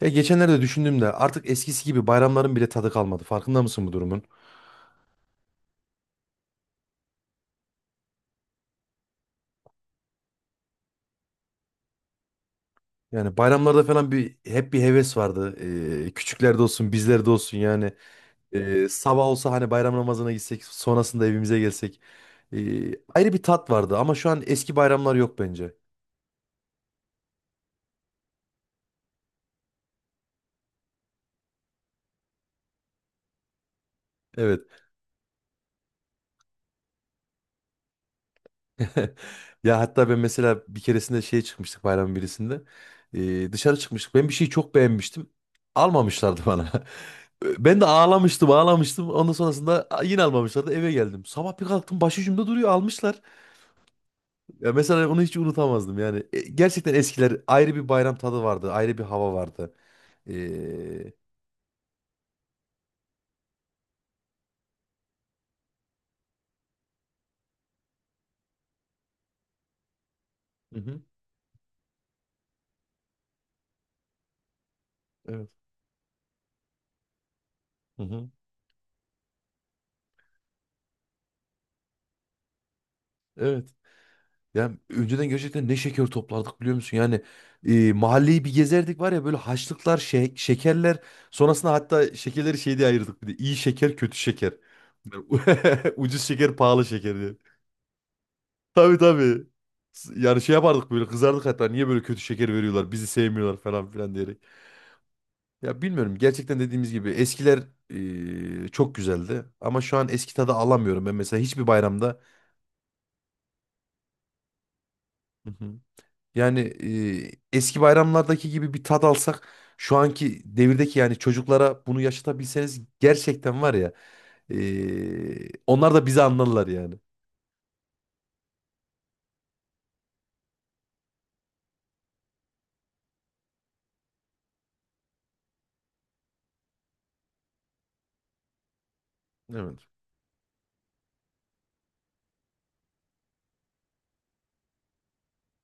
Ya geçenlerde düşündüğümde artık eskisi gibi bayramların bile tadı kalmadı. Farkında mısın bu durumun? Yani bayramlarda falan hep bir heves vardı. Küçüklerde olsun, bizlerde olsun yani. Sabah olsa hani bayram namazına gitsek, sonrasında evimize gelsek. Ayrı bir tat vardı ama şu an eski bayramlar yok bence. Evet. Ya hatta ben mesela bir keresinde şeye çıkmıştık bayramın birisinde. Dışarı çıkmıştık. Ben bir şeyi çok beğenmiştim. Almamışlardı bana. Ben de ağlamıştım ağlamıştım. Ondan sonrasında yine almamışlardı eve geldim. Sabah bir kalktım başucumda duruyor almışlar. Ya mesela onu hiç unutamazdım yani. Gerçekten eskiler ayrı bir bayram tadı vardı. Ayrı bir hava vardı. Ee, Hı hı. Evet. Hı hı. Evet. Yani önceden gerçekten ne şeker toplardık biliyor musun? Yani mahalleyi bir gezerdik var ya böyle haçlıklar, şekerler. Sonrasında hatta şekerleri şey diye ayırdık bir de. İyi şeker, kötü şeker. Ucuz şeker, pahalı şeker. Tabii tabii. Yani şey yapardık böyle kızardık hatta niye böyle kötü şeker veriyorlar bizi sevmiyorlar falan filan diyerek. Ya bilmiyorum gerçekten dediğimiz gibi eskiler çok güzeldi ama şu an eski tadı alamıyorum ben mesela hiçbir bayramda. Hı hı. Yani eski bayramlardaki gibi bir tat alsak şu anki devirdeki yani çocuklara bunu yaşatabilseniz gerçekten var ya onlar da bizi anlarlar yani. Evet.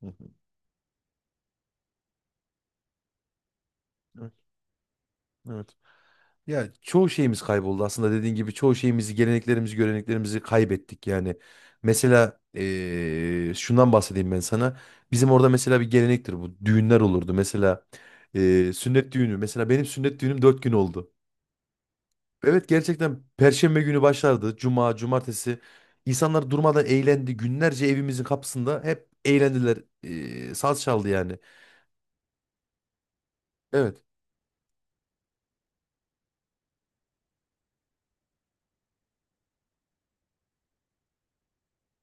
Hı hı. Evet. Evet. Ya çoğu şeyimiz kayboldu aslında dediğin gibi çoğu şeyimizi, geleneklerimizi, göreneklerimizi kaybettik yani. Mesela şundan bahsedeyim ben sana. Bizim orada mesela bir gelenektir bu. Düğünler olurdu. Mesela sünnet düğünü. Mesela benim sünnet düğünüm dört gün oldu. Evet, gerçekten Perşembe günü başlardı. Cuma, cumartesi. İnsanlar durmadan eğlendi. Günlerce evimizin kapısında hep eğlendiler. Saz çaldı yani. Evet.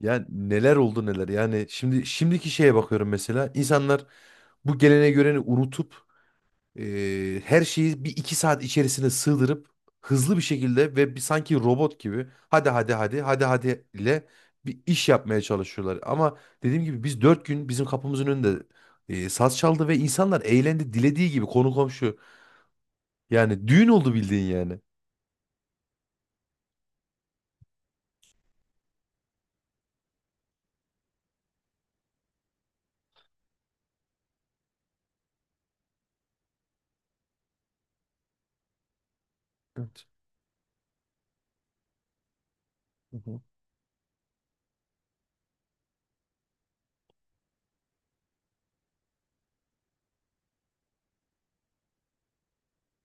Ya neler oldu neler. Yani şimdiki şeye bakıyorum mesela. İnsanlar bu gelene göreni unutup her şeyi bir iki saat içerisine sığdırıp hızlı bir şekilde ve bir sanki robot gibi hadi hadi hadi hadi hadi ile bir iş yapmaya çalışıyorlar. Ama dediğim gibi biz dört gün bizim kapımızın önünde saz çaldı ve insanlar eğlendi dilediği gibi konu komşu. Yani düğün oldu bildiğin yani. Evet. Hı hı.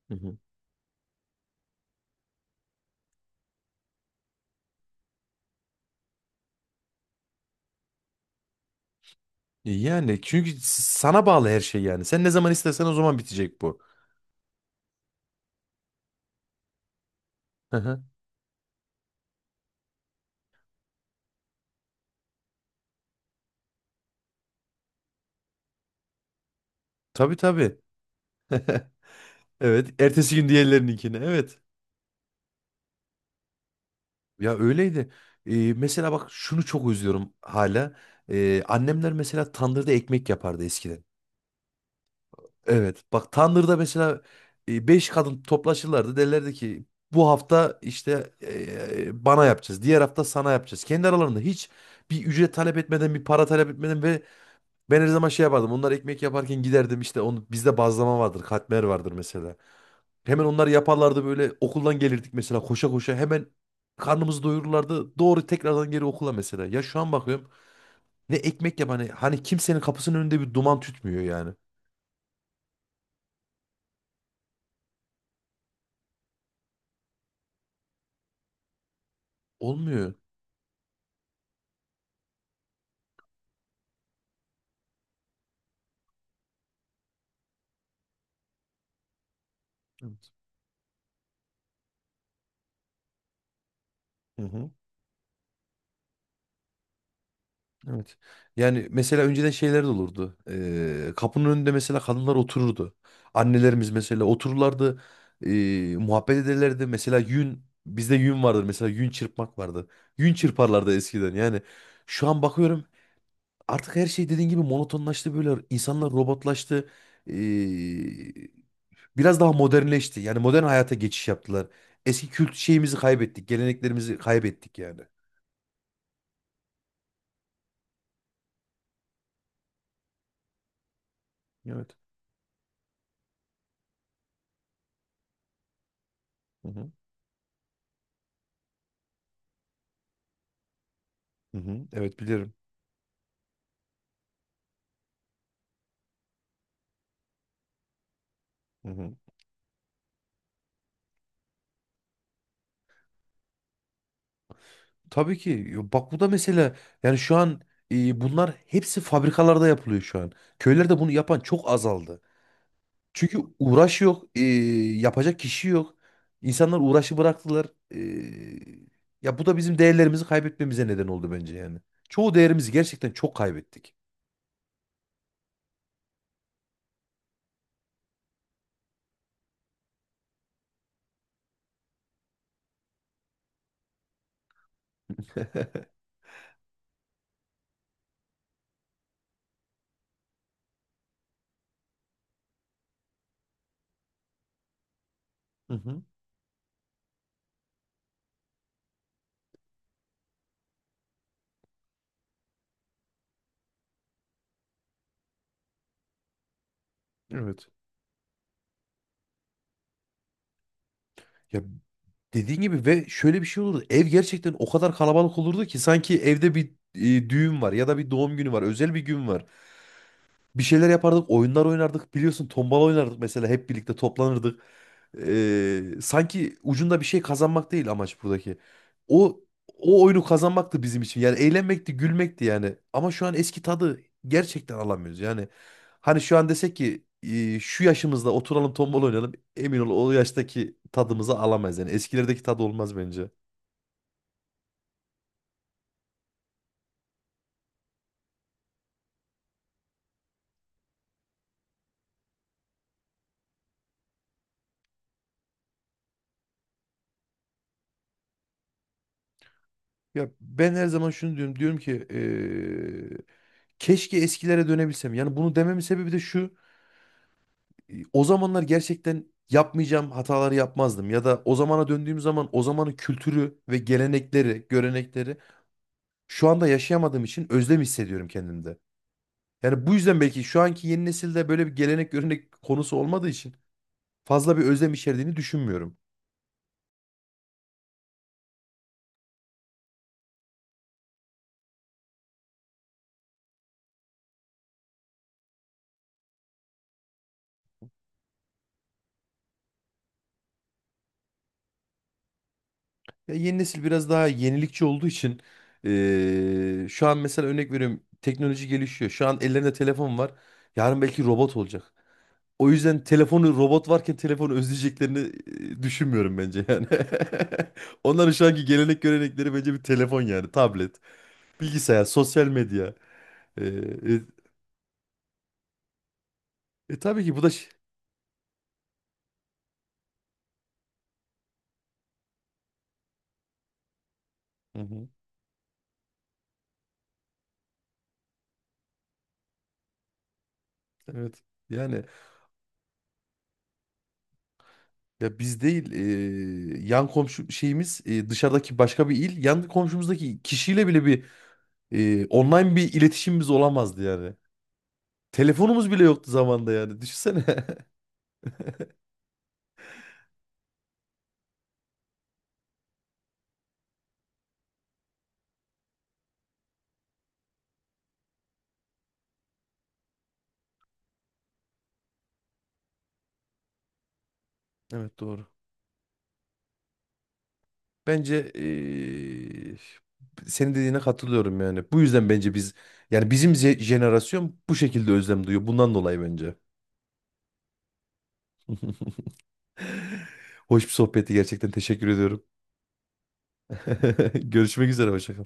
Hı hı. Yani çünkü sana bağlı her şey yani. Sen ne zaman istersen o zaman bitecek bu. Hı hı. Tabii tabii. Evet. Ertesi gün diğerlerininkine. Evet. Ya öyleydi. Mesela bak şunu çok özlüyorum hala. Annemler mesela tandırda ekmek yapardı eskiden. Evet. Bak tandırda mesela beş kadın toplaşırlardı. Derlerdi ki bu hafta işte bana yapacağız. Diğer hafta sana yapacağız. Kendi aralarında hiç bir ücret talep etmeden, bir para talep etmeden ve ben her zaman şey yapardım. Onlar ekmek yaparken giderdim işte onu bizde bazlama vardır, katmer vardır mesela. Hemen onlar yaparlardı böyle okuldan gelirdik mesela koşa koşa hemen karnımızı doyururlardı. Doğru tekrardan geri okula mesela. Ya şu an bakıyorum ne ekmek yap hani, hani kimsenin kapısının önünde bir duman tütmüyor yani. Olmuyor. Evet. Hı hı. Evet. Yani mesela önceden şeyler de olurdu. Kapının önünde mesela kadınlar otururdu. Annelerimiz mesela otururlardı. ee, Muhabbet ederlerdi. Mesela yün bizde yün vardır. Mesela yün çırpmak vardı. Yün çırparlardı eskiden. Yani şu an bakıyorum artık her şey dediğin gibi monotonlaştı böyle. İnsanlar robotlaştı. Ee, Biraz daha modernleşti. Yani modern hayata geçiş yaptılar. Eski kült şeyimizi kaybettik. Geleneklerimizi kaybettik yani. Evet. Hı hı. Hı hı. Evet, bilirim. Hı hı. Tabii ki. Yo, bak bu da mesela yani şu an bunlar hepsi fabrikalarda yapılıyor şu an. Köylerde bunu yapan çok azaldı. Çünkü uğraş yok, yapacak kişi yok. İnsanlar uğraşı bıraktılar. E, Ya bu da bizim değerlerimizi kaybetmemize neden oldu bence yani. Çoğu değerimizi gerçekten çok kaybettik. Hı hı. Evet. Ya dediğin gibi ve şöyle bir şey olurdu. Ev gerçekten o kadar kalabalık olurdu ki sanki evde bir düğün var ya da bir doğum günü var, özel bir gün var. Bir şeyler yapardık, oyunlar oynardık. Biliyorsun tombala oynardık mesela hep birlikte toplanırdık. Sanki ucunda bir şey kazanmak değil amaç buradaki. O o oyunu kazanmaktı bizim için. Yani eğlenmekti, gülmekti yani. Ama şu an eski tadı gerçekten alamıyoruz. Yani hani şu an desek ki şu yaşımızda oturalım tombala oynayalım. Emin ol o yaştaki tadımızı alamayız. Yani eskilerdeki tadı olmaz bence. Ya ben her zaman şunu diyorum. Diyorum ki keşke eskilere dönebilsem. Yani bunu dememin sebebi de şu. O zamanlar gerçekten yapmayacağım hataları yapmazdım. Ya da o zamana döndüğüm zaman o zamanın kültürü ve gelenekleri, görenekleri şu anda yaşayamadığım için özlem hissediyorum kendimde. Yani bu yüzden belki şu anki yeni nesilde böyle bir gelenek görenek konusu olmadığı için fazla bir özlem içerdiğini düşünmüyorum. Ya yeni nesil biraz daha yenilikçi olduğu için şu an mesela örnek veriyorum teknoloji gelişiyor. Şu an ellerinde telefon var. Yarın belki robot olacak. O yüzden telefonu robot varken telefonu özleyeceklerini düşünmüyorum bence yani. Onların şu anki gelenek görenekleri bence bir telefon yani tablet, bilgisayar, sosyal medya. E, e, tabii ki bu da hı hı, evet. Yani ya biz değil yan komşu şeyimiz dışarıdaki başka bir il yan komşumuzdaki kişiyle bile bir online bir iletişimimiz olamazdı yani. Telefonumuz bile yoktu zamanda yani düşünsene. Evet, doğru. Bence senin dediğine katılıyorum yani. Bu yüzden bence biz yani bizim jenerasyon bu şekilde özlem duyuyor. Bundan dolayı bence. Hoş bir sohbetti gerçekten teşekkür ediyorum. Görüşmek üzere hoşça kal.